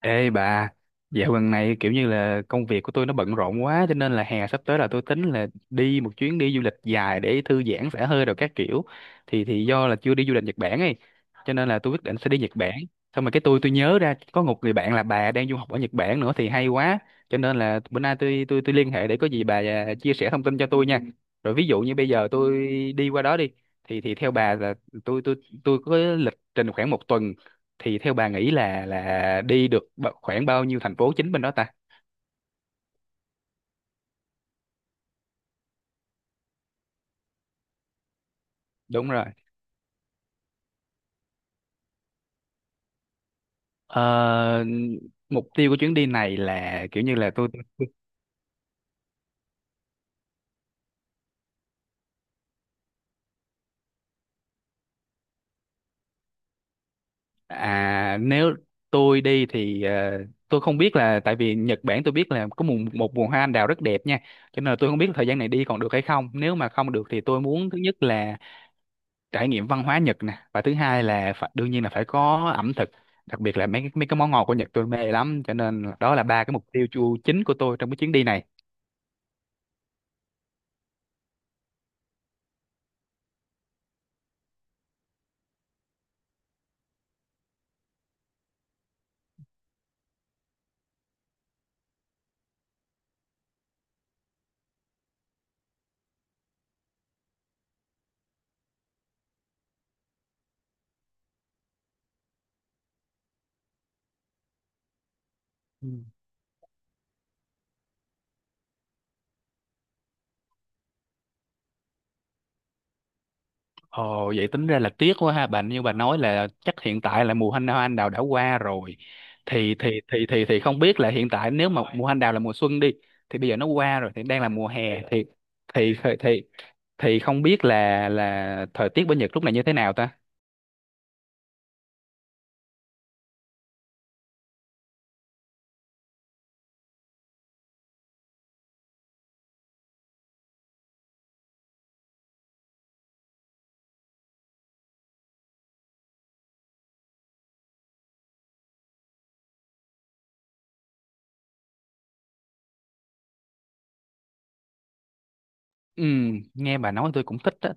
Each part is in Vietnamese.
Ê bà, dạo gần này kiểu như là công việc của tôi nó bận rộn quá cho nên là hè sắp tới là tôi tính là đi một chuyến đi du lịch dài để thư giãn xả hơi rồi các kiểu. Thì do là chưa đi du lịch Nhật Bản ấy, cho nên là tôi quyết định sẽ đi Nhật Bản. Xong rồi cái tôi nhớ ra có một người bạn là bà đang du học ở Nhật Bản nữa thì hay quá. Cho nên là bữa nay tôi liên hệ để có gì bà à, chia sẻ thông tin cho tôi nha. Rồi ví dụ như bây giờ tôi đi qua đó đi, thì theo bà là tôi tôi tôi có lịch trình khoảng một tuần, thì theo bà nghĩ là đi được khoảng bao nhiêu thành phố chính bên đó ta? Đúng rồi. Ờ, Mục tiêu của chuyến đi này là kiểu như là tôi. À, nếu tôi đi thì tôi không biết là tại vì Nhật Bản tôi biết là có một vườn hoa anh đào rất đẹp nha, cho nên là tôi không biết là thời gian này đi còn được hay không. Nếu mà không được thì tôi muốn thứ nhất là trải nghiệm văn hóa Nhật nè, và thứ hai là phải, đương nhiên là phải có ẩm thực, đặc biệt là mấy cái món ngọt của Nhật tôi mê lắm, cho nên đó là ba cái mục tiêu chính của tôi trong cái chuyến đi này. Ừ. Ồ, vậy tính ra là tiếc quá ha bà, như bà nói là chắc hiện tại là mùa hoa hoa anh đào đã qua rồi, thì không biết là hiện tại, nếu mà mùa hoa anh đào là mùa xuân đi thì bây giờ nó qua rồi thì đang là mùa hè, thì thì thì, thì không biết là thời tiết bên Nhật lúc này như thế nào ta? ừ, Nghe bà nói tôi cũng thích á.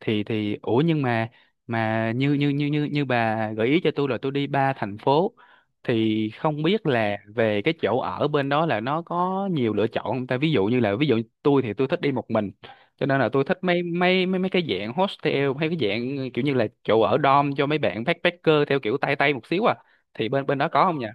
Thì ủa nhưng mà như như như như như bà gợi ý cho tôi là tôi đi ba thành phố, thì không biết là về cái chỗ ở bên đó là nó có nhiều lựa chọn không ta? Ví dụ như là, ví dụ tôi thì tôi thích đi một mình, cho nên là tôi thích mấy mấy mấy mấy cái dạng hostel hay cái dạng kiểu như là chỗ ở dorm cho mấy bạn backpacker theo kiểu tay tay một xíu à, thì bên bên đó có không nhỉ?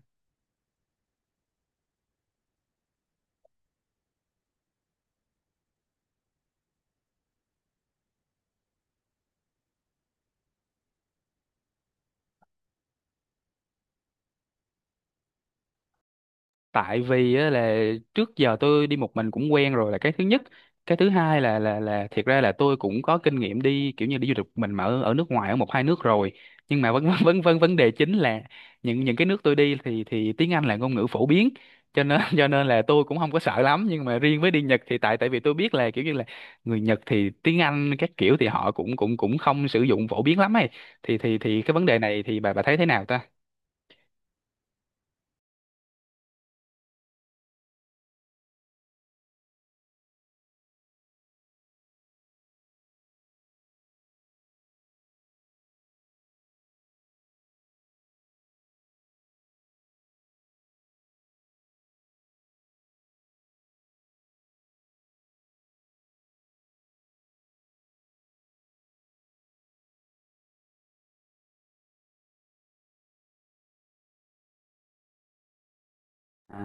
Tại vì á, là trước giờ tôi đi một mình cũng quen rồi là cái thứ nhất, cái thứ hai là là thiệt ra là tôi cũng có kinh nghiệm đi kiểu như đi du lịch một mình mà ở, ở nước ngoài ở một hai nước rồi, nhưng mà vấn vấn vấn vấn đề chính là những cái nước tôi đi thì tiếng Anh là ngôn ngữ phổ biến, cho nên cho nên là tôi cũng không có sợ lắm, nhưng mà riêng với đi Nhật thì tại tại vì tôi biết là kiểu như là người Nhật thì tiếng Anh các kiểu thì họ cũng cũng cũng không sử dụng phổ biến lắm ấy, thì cái vấn đề này thì bà thấy thế nào ta?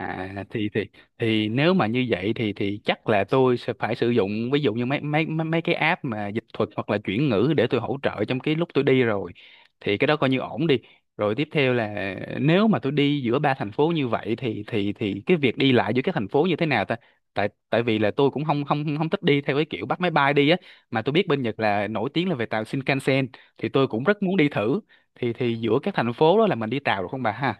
À thì nếu mà như vậy thì chắc là tôi sẽ phải sử dụng ví dụ như mấy mấy mấy mấy cái app mà dịch thuật hoặc là chuyển ngữ để tôi hỗ trợ trong cái lúc tôi đi rồi. Thì cái đó coi như ổn đi. Rồi tiếp theo là nếu mà tôi đi giữa ba thành phố như vậy thì cái việc đi lại giữa các thành phố như thế nào ta? Tại tại vì là tôi cũng không không không thích đi theo cái kiểu bắt máy bay đi á, mà tôi biết bên Nhật là nổi tiếng là về tàu Shinkansen, thì tôi cũng rất muốn đi thử. Thì giữa các thành phố đó là mình đi tàu được không bà ha?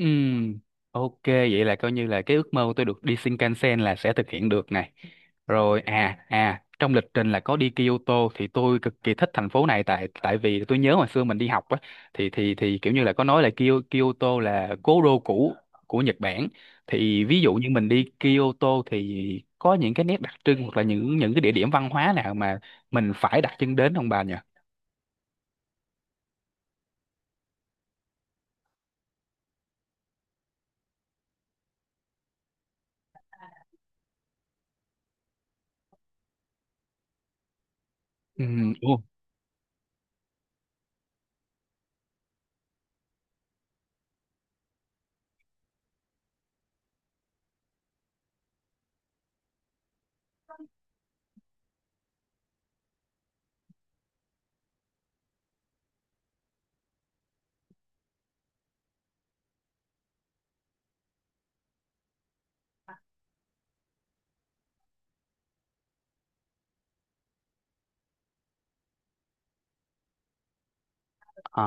Ừm, ok, vậy là coi như là cái ước mơ của tôi được đi Shinkansen là sẽ thực hiện được này. Rồi à à, trong lịch trình là có đi Kyoto thì tôi cực kỳ thích thành phố này, tại tại vì tôi nhớ hồi xưa mình đi học á, thì kiểu như là có nói là Kyoto là cố đô cũ của Nhật Bản. Thì ví dụ như mình đi Kyoto thì có những cái nét đặc trưng hoặc là những cái địa điểm văn hóa nào mà mình phải đặt chân đến không bà nhỉ? Ừ. À,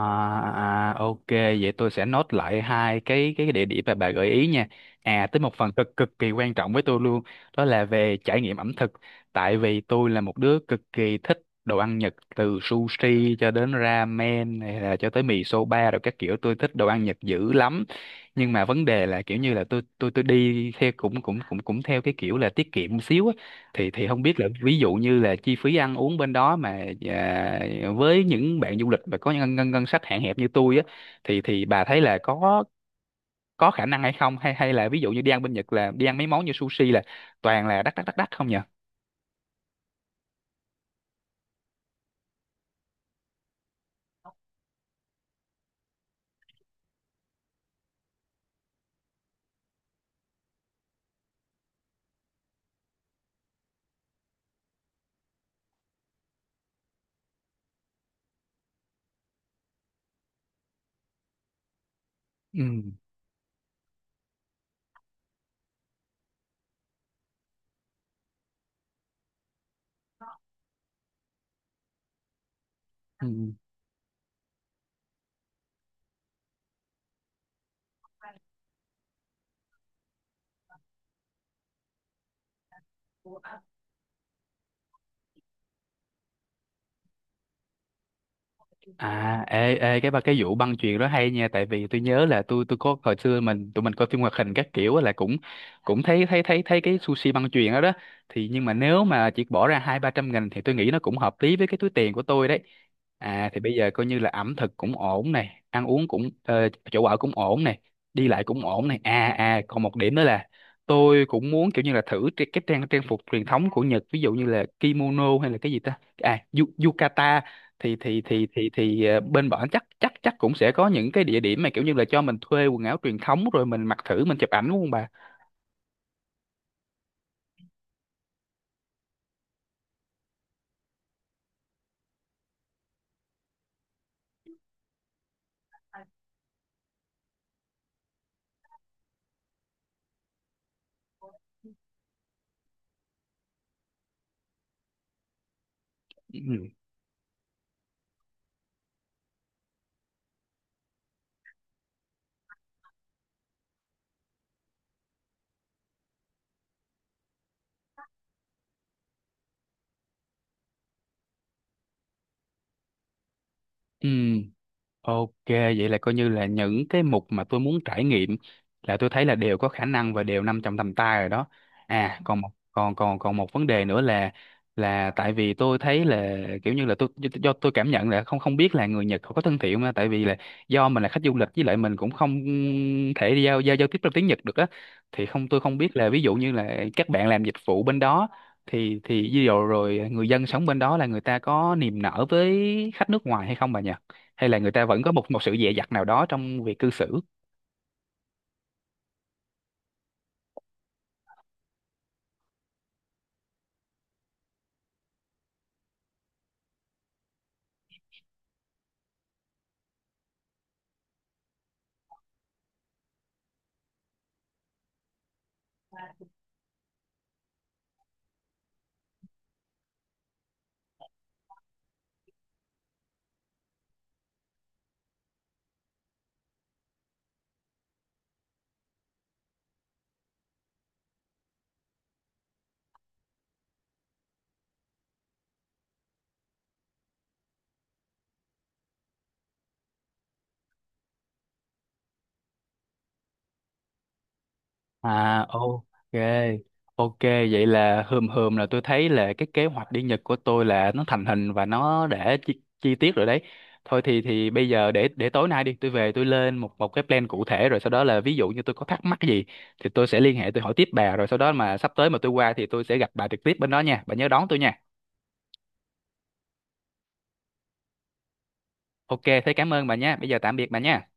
à, ok, vậy tôi sẽ nốt lại hai cái địa điểm mà bà gợi ý nha. À, tới một phần cực cực kỳ quan trọng với tôi luôn, đó là về trải nghiệm ẩm thực. Tại vì tôi là một đứa cực kỳ thích đồ ăn Nhật, từ sushi cho đến ramen hay là cho tới mì soba rồi các kiểu, tôi thích đồ ăn Nhật dữ lắm. Nhưng mà vấn đề là kiểu như là tôi đi theo cũng cũng cũng cũng theo cái kiểu là tiết kiệm một xíu á, thì không biết là ví dụ như là chi phí ăn uống bên đó mà à, với những bạn du lịch mà có ngân ngân ngân sách hạn hẹp như tôi á, thì bà thấy là có khả năng hay không, hay hay là ví dụ như đi ăn bên Nhật là đi ăn mấy món như sushi là toàn là đắt đắt đắt đắt không nhỉ? Ừ. Ừ. À, ê, ê, cái ba cái vụ băng chuyền đó hay nha, tại vì tôi nhớ là tôi có hồi xưa tụi mình coi phim hoạt hình các kiểu á là cũng cũng thấy thấy thấy thấy cái sushi băng chuyền đó đó, thì nhưng mà nếu mà chỉ bỏ ra hai ba trăm nghìn thì tôi nghĩ nó cũng hợp lý với cái túi tiền của tôi đấy. À, thì bây giờ coi như là ẩm thực cũng ổn này, ăn uống cũng ờ, chỗ ở cũng ổn này, đi lại cũng ổn này. À à, còn một điểm nữa là tôi cũng muốn kiểu như là thử cái trang trang phục truyền thống của Nhật, ví dụ như là kimono hay là cái gì ta? À, yukata, thì bên bọn chắc chắc chắc cũng sẽ có những cái địa điểm mà kiểu như là cho mình thuê quần áo truyền thống rồi mình mặc thử mình chụp ảnh đúng không bà? Ừ. Ừ. Ok, vậy là coi như là những cái mục mà tôi muốn trải nghiệm là tôi thấy là đều có khả năng và đều nằm trong tầm tay rồi đó. À, còn một vấn đề nữa là tại vì tôi thấy là kiểu như là tôi, do tôi cảm nhận là không không biết là người Nhật họ có thân thiện không á, tại vì là do mình là khách du lịch với lại mình cũng không thể giao giao giao tiếp trong tiếng Nhật được á, thì không tôi không biết là ví dụ như là các bạn làm dịch vụ bên đó thì ví dụ rồi người dân sống bên đó là người ta có niềm nở với khách nước ngoài hay không bà nhỉ? Hay là người ta vẫn có một một sự dè dặt nào đó trong việc cư xử. À, ok. Ok, vậy là hờm hờm là tôi thấy là cái kế hoạch đi Nhật của tôi là nó thành hình và nó đã chi tiết rồi đấy. Thôi thì bây giờ, để tối nay đi, tôi về tôi lên một một cái plan cụ thể, rồi sau đó là ví dụ như tôi có thắc mắc gì thì tôi sẽ liên hệ, tôi hỏi tiếp bà, rồi sau đó mà sắp tới mà tôi qua thì tôi sẽ gặp bà trực tiếp bên đó nha, bà nhớ đón tôi nha. Ok, thế cảm ơn bà nha, bây giờ tạm biệt bà nha.